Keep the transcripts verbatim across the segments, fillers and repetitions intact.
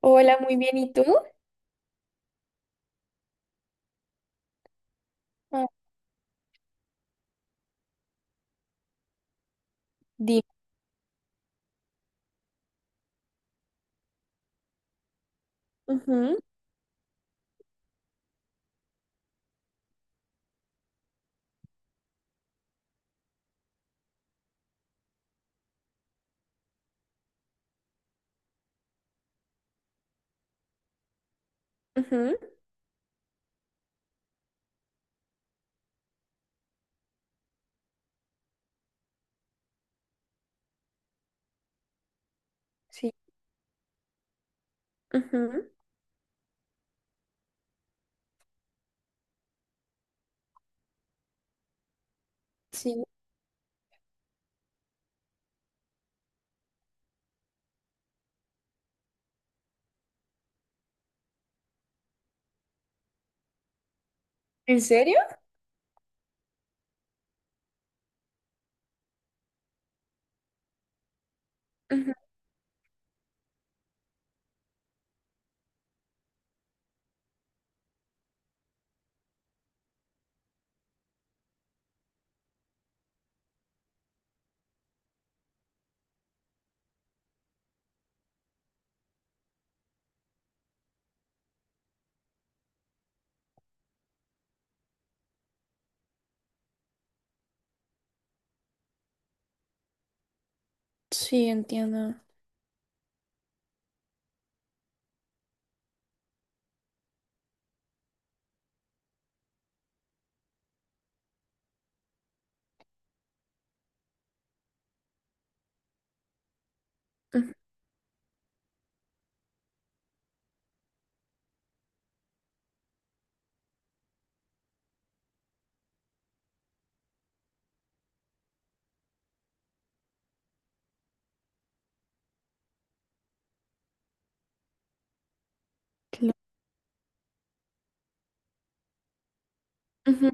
Hola, muy bien. ¿Y tú? Ah. Di- Ujú. Ujú. Sí. Ujú. Sí. ¿En serio? Ujú. Sí, entiendo. Ujú. cla- Ujú.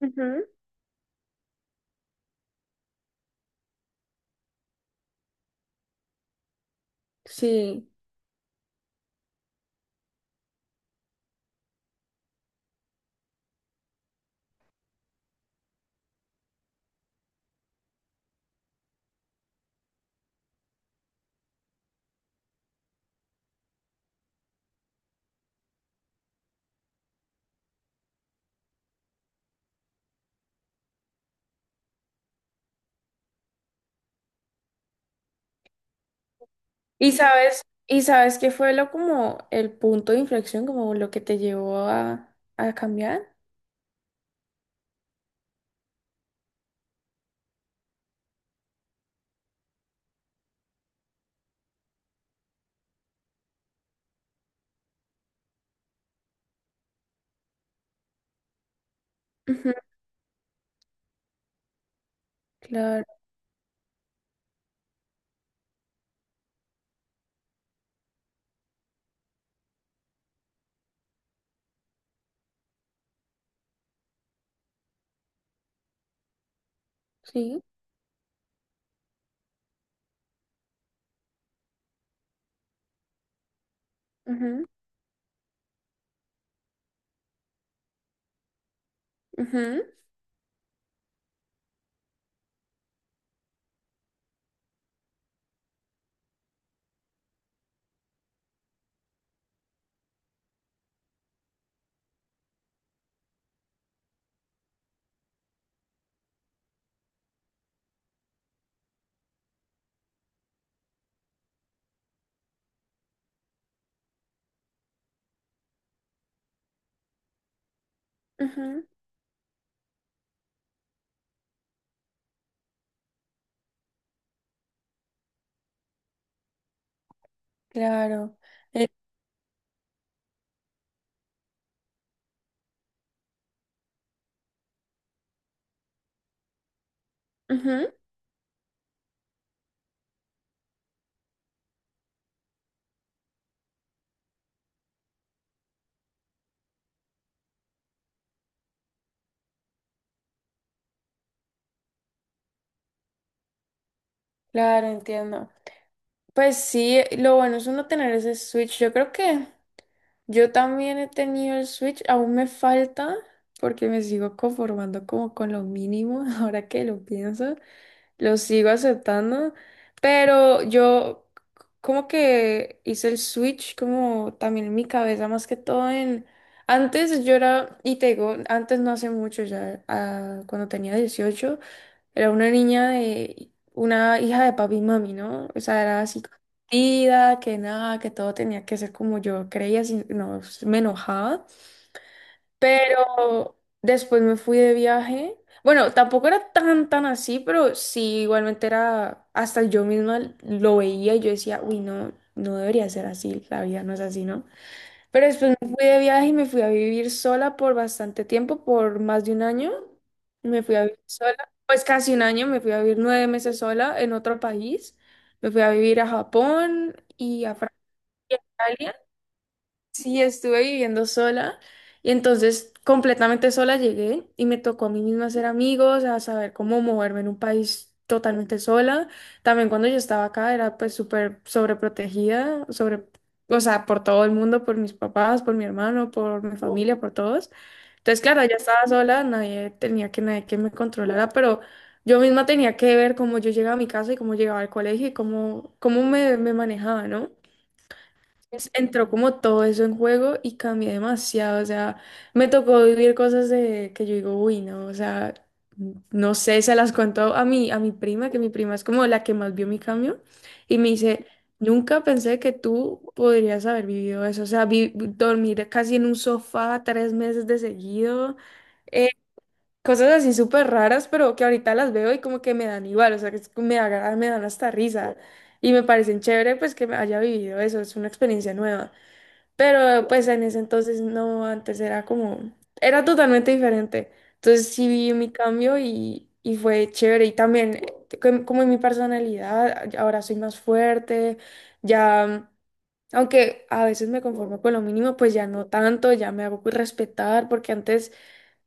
Ujú. Sí. ¿Y sabes, y sabes qué fue lo como el punto de inflexión, como lo que te llevó a, a cambiar? Ujú. Claro, sí. Ujú. Ujú. Ujú. Claro. Eh, Ujú. Claro, entiendo. Pues sí, lo bueno es uno tener ese switch. Yo creo que yo también he tenido el switch, aún me falta porque me sigo conformando como con lo mínimo, ahora que lo pienso, lo sigo aceptando, pero yo c- como que hice el switch como también en mi cabeza, más que todo en. Antes yo era, y te digo, antes no hace mucho ya, ah, cuando tenía dieciocho era una niña de una hija de papi y mami, ¿no? O sea, era así consentida, que nada, que todo tenía que ser como yo creía, si no, me enojaba. Pero después me fui de viaje. Bueno, tampoco era tan, tan así, pero sí, igualmente era, hasta yo misma lo veía y yo decía, uy, no, no debería ser así, la vida no es así, ¿no? Pero después me fui de viaje y me fui a vivir sola por bastante tiempo, por más de un año. Me fui a vivir sola, pues casi un año, me fui a vivir nueve meses sola en otro país. Me fui a vivir a Japón y a Francia. Sí, estuve viviendo sola y entonces completamente sola llegué y me tocó a mí misma hacer amigos, a saber cómo moverme en un país totalmente sola. También cuando yo estaba acá era pues súper sobreprotegida, sobre, o sea, por todo el mundo, por mis papás, por mi hermano, por mi familia, por todos. Entonces, claro, ya estaba sola, nadie tenía que nadie que me controlara, pero yo misma tenía que ver cómo yo llegaba a mi casa y cómo llegaba al colegio y cómo, cómo me, me manejaba, ¿no? Entonces, entró como todo eso en juego y cambié demasiado, o sea, me tocó vivir cosas de que yo digo, uy, no, o sea, no sé, se las cuento a mi, a mi prima, que mi prima es como la que más vio mi cambio, y me dice, nunca pensé que tú podrías haber vivido eso, o sea, vi- dormir casi en un sofá tres meses de seguido. Cosas así súper raras, pero que ahorita las veo y como que me dan igual, o sea, que es- que me agra- me dan hasta risa y me parecen chévere pues que me haya vivido eso, es una experiencia nueva. Pero pues en ese entonces no, antes era como, era totalmente diferente. Entonces sí vi mi cambio y, y fue chévere y también eh, com- como en mi personalidad, a- ahora soy más fuerte, ya, aunque a veces me conformo con lo mínimo, pues ya no tanto, ya me hago respetar porque antes.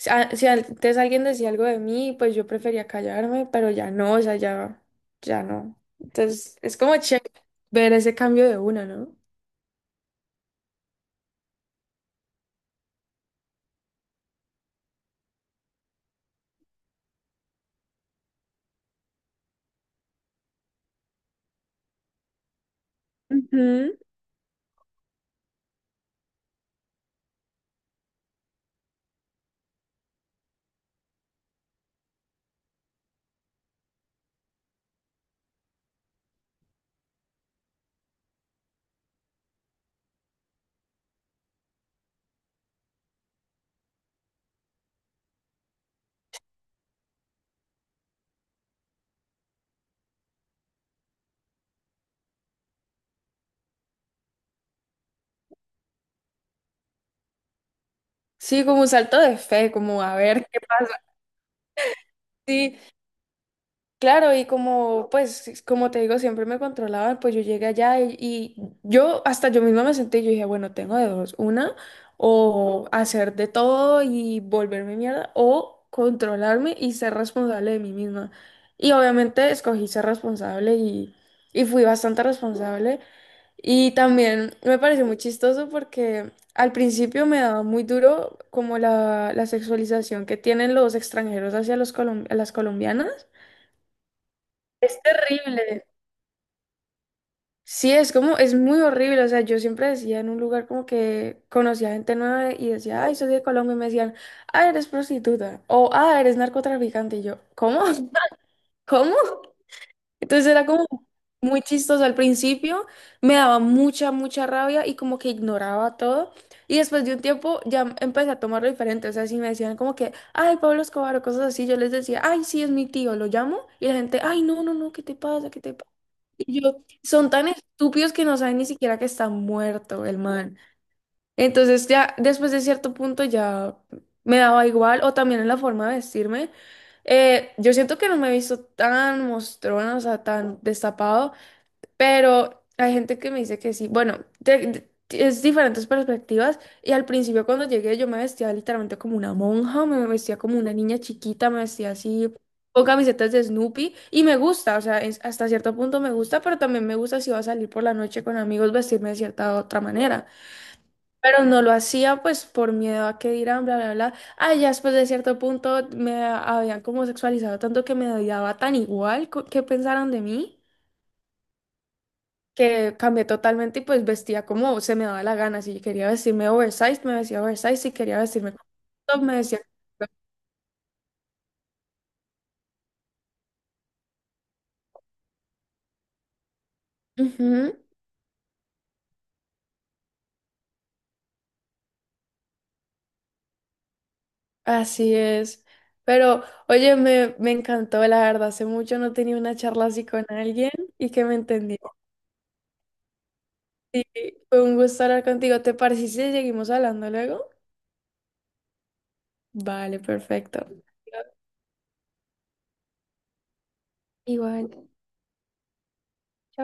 Si a- si antes alguien decía algo de mí, pues yo prefería callarme, pero ya no, o sea, ya, ya no. Entonces, es como chévere ver ese cambio de una, ¿no? Ujú. Sí, como un salto de fe, como a ver qué pasa. Sí. Claro, y como, pues, como te digo, siempre me controlaban, pues yo llegué allá y, y yo, hasta yo misma me senté y yo dije, bueno, tengo de dos, una, o hacer de todo y volverme mierda, o controlarme y ser responsable de mí misma. Y obviamente escogí ser responsable y, y fui bastante responsable. Y también me pareció muy chistoso porque al principio me daba muy duro como la, la sexualización que tienen los extranjeros hacia los colom- a las colombianas. Es terrible. Sí, es como, es muy horrible. O sea, yo siempre decía en un lugar como que conocía gente nueva y decía, ay, soy de Colombia. Y me decían, ah, eres prostituta. O, ah, eres narcotraficante. Y yo, ¿cómo? ¿Cómo? Entonces era como muy chistoso al principio. Me daba mucha, mucha rabia y como que ignoraba todo. Y después de un tiempo ya empecé a tomarlo diferente. O sea, si me decían como que, ay, Pablo Escobar o cosas así, yo les decía, ay, sí, es mi tío, lo llamo. Y la gente, ay, no, no, no, ¿qué te pasa? ¿Qué te pasa? Y yo, son tan estúpidos que no saben ni siquiera que está muerto el man. Entonces ya después de cierto punto ya me daba igual, o también en la forma de vestirme. Eh, yo siento que no me he visto tan mostrona, o sea, tan destapado pero hay gente que me dice que sí. Bueno, te- te- es diferentes perspectivas. Y al principio cuando llegué yo me vestía literalmente como una monja, me vestía como una niña chiquita, me vestía así con camisetas de Snoopy. Y me gusta, o sea, es- hasta cierto punto me gusta, pero también me gusta si va a salir por la noche con amigos vestirme de cierta otra manera. Pero no lo hacía pues por miedo a que dirán, bla, bla, bla. Ah, ya después de cierto punto me habían como sexualizado tanto que me daba tan igual co- que pensaran de mí que cambié totalmente y pues vestía como se me daba la gana. Si quería vestirme oversized, me vestía oversized. Si quería vestirme con top, me vestía con top. Ujú, así es. Pero, oye, me, me encantó, la verdad. Hace mucho no tenía una charla así con alguien y que me entendía. Sí, fue un gusto hablar contigo. ¿Te parece si seguimos hablando luego? Vale, perfecto. Igual.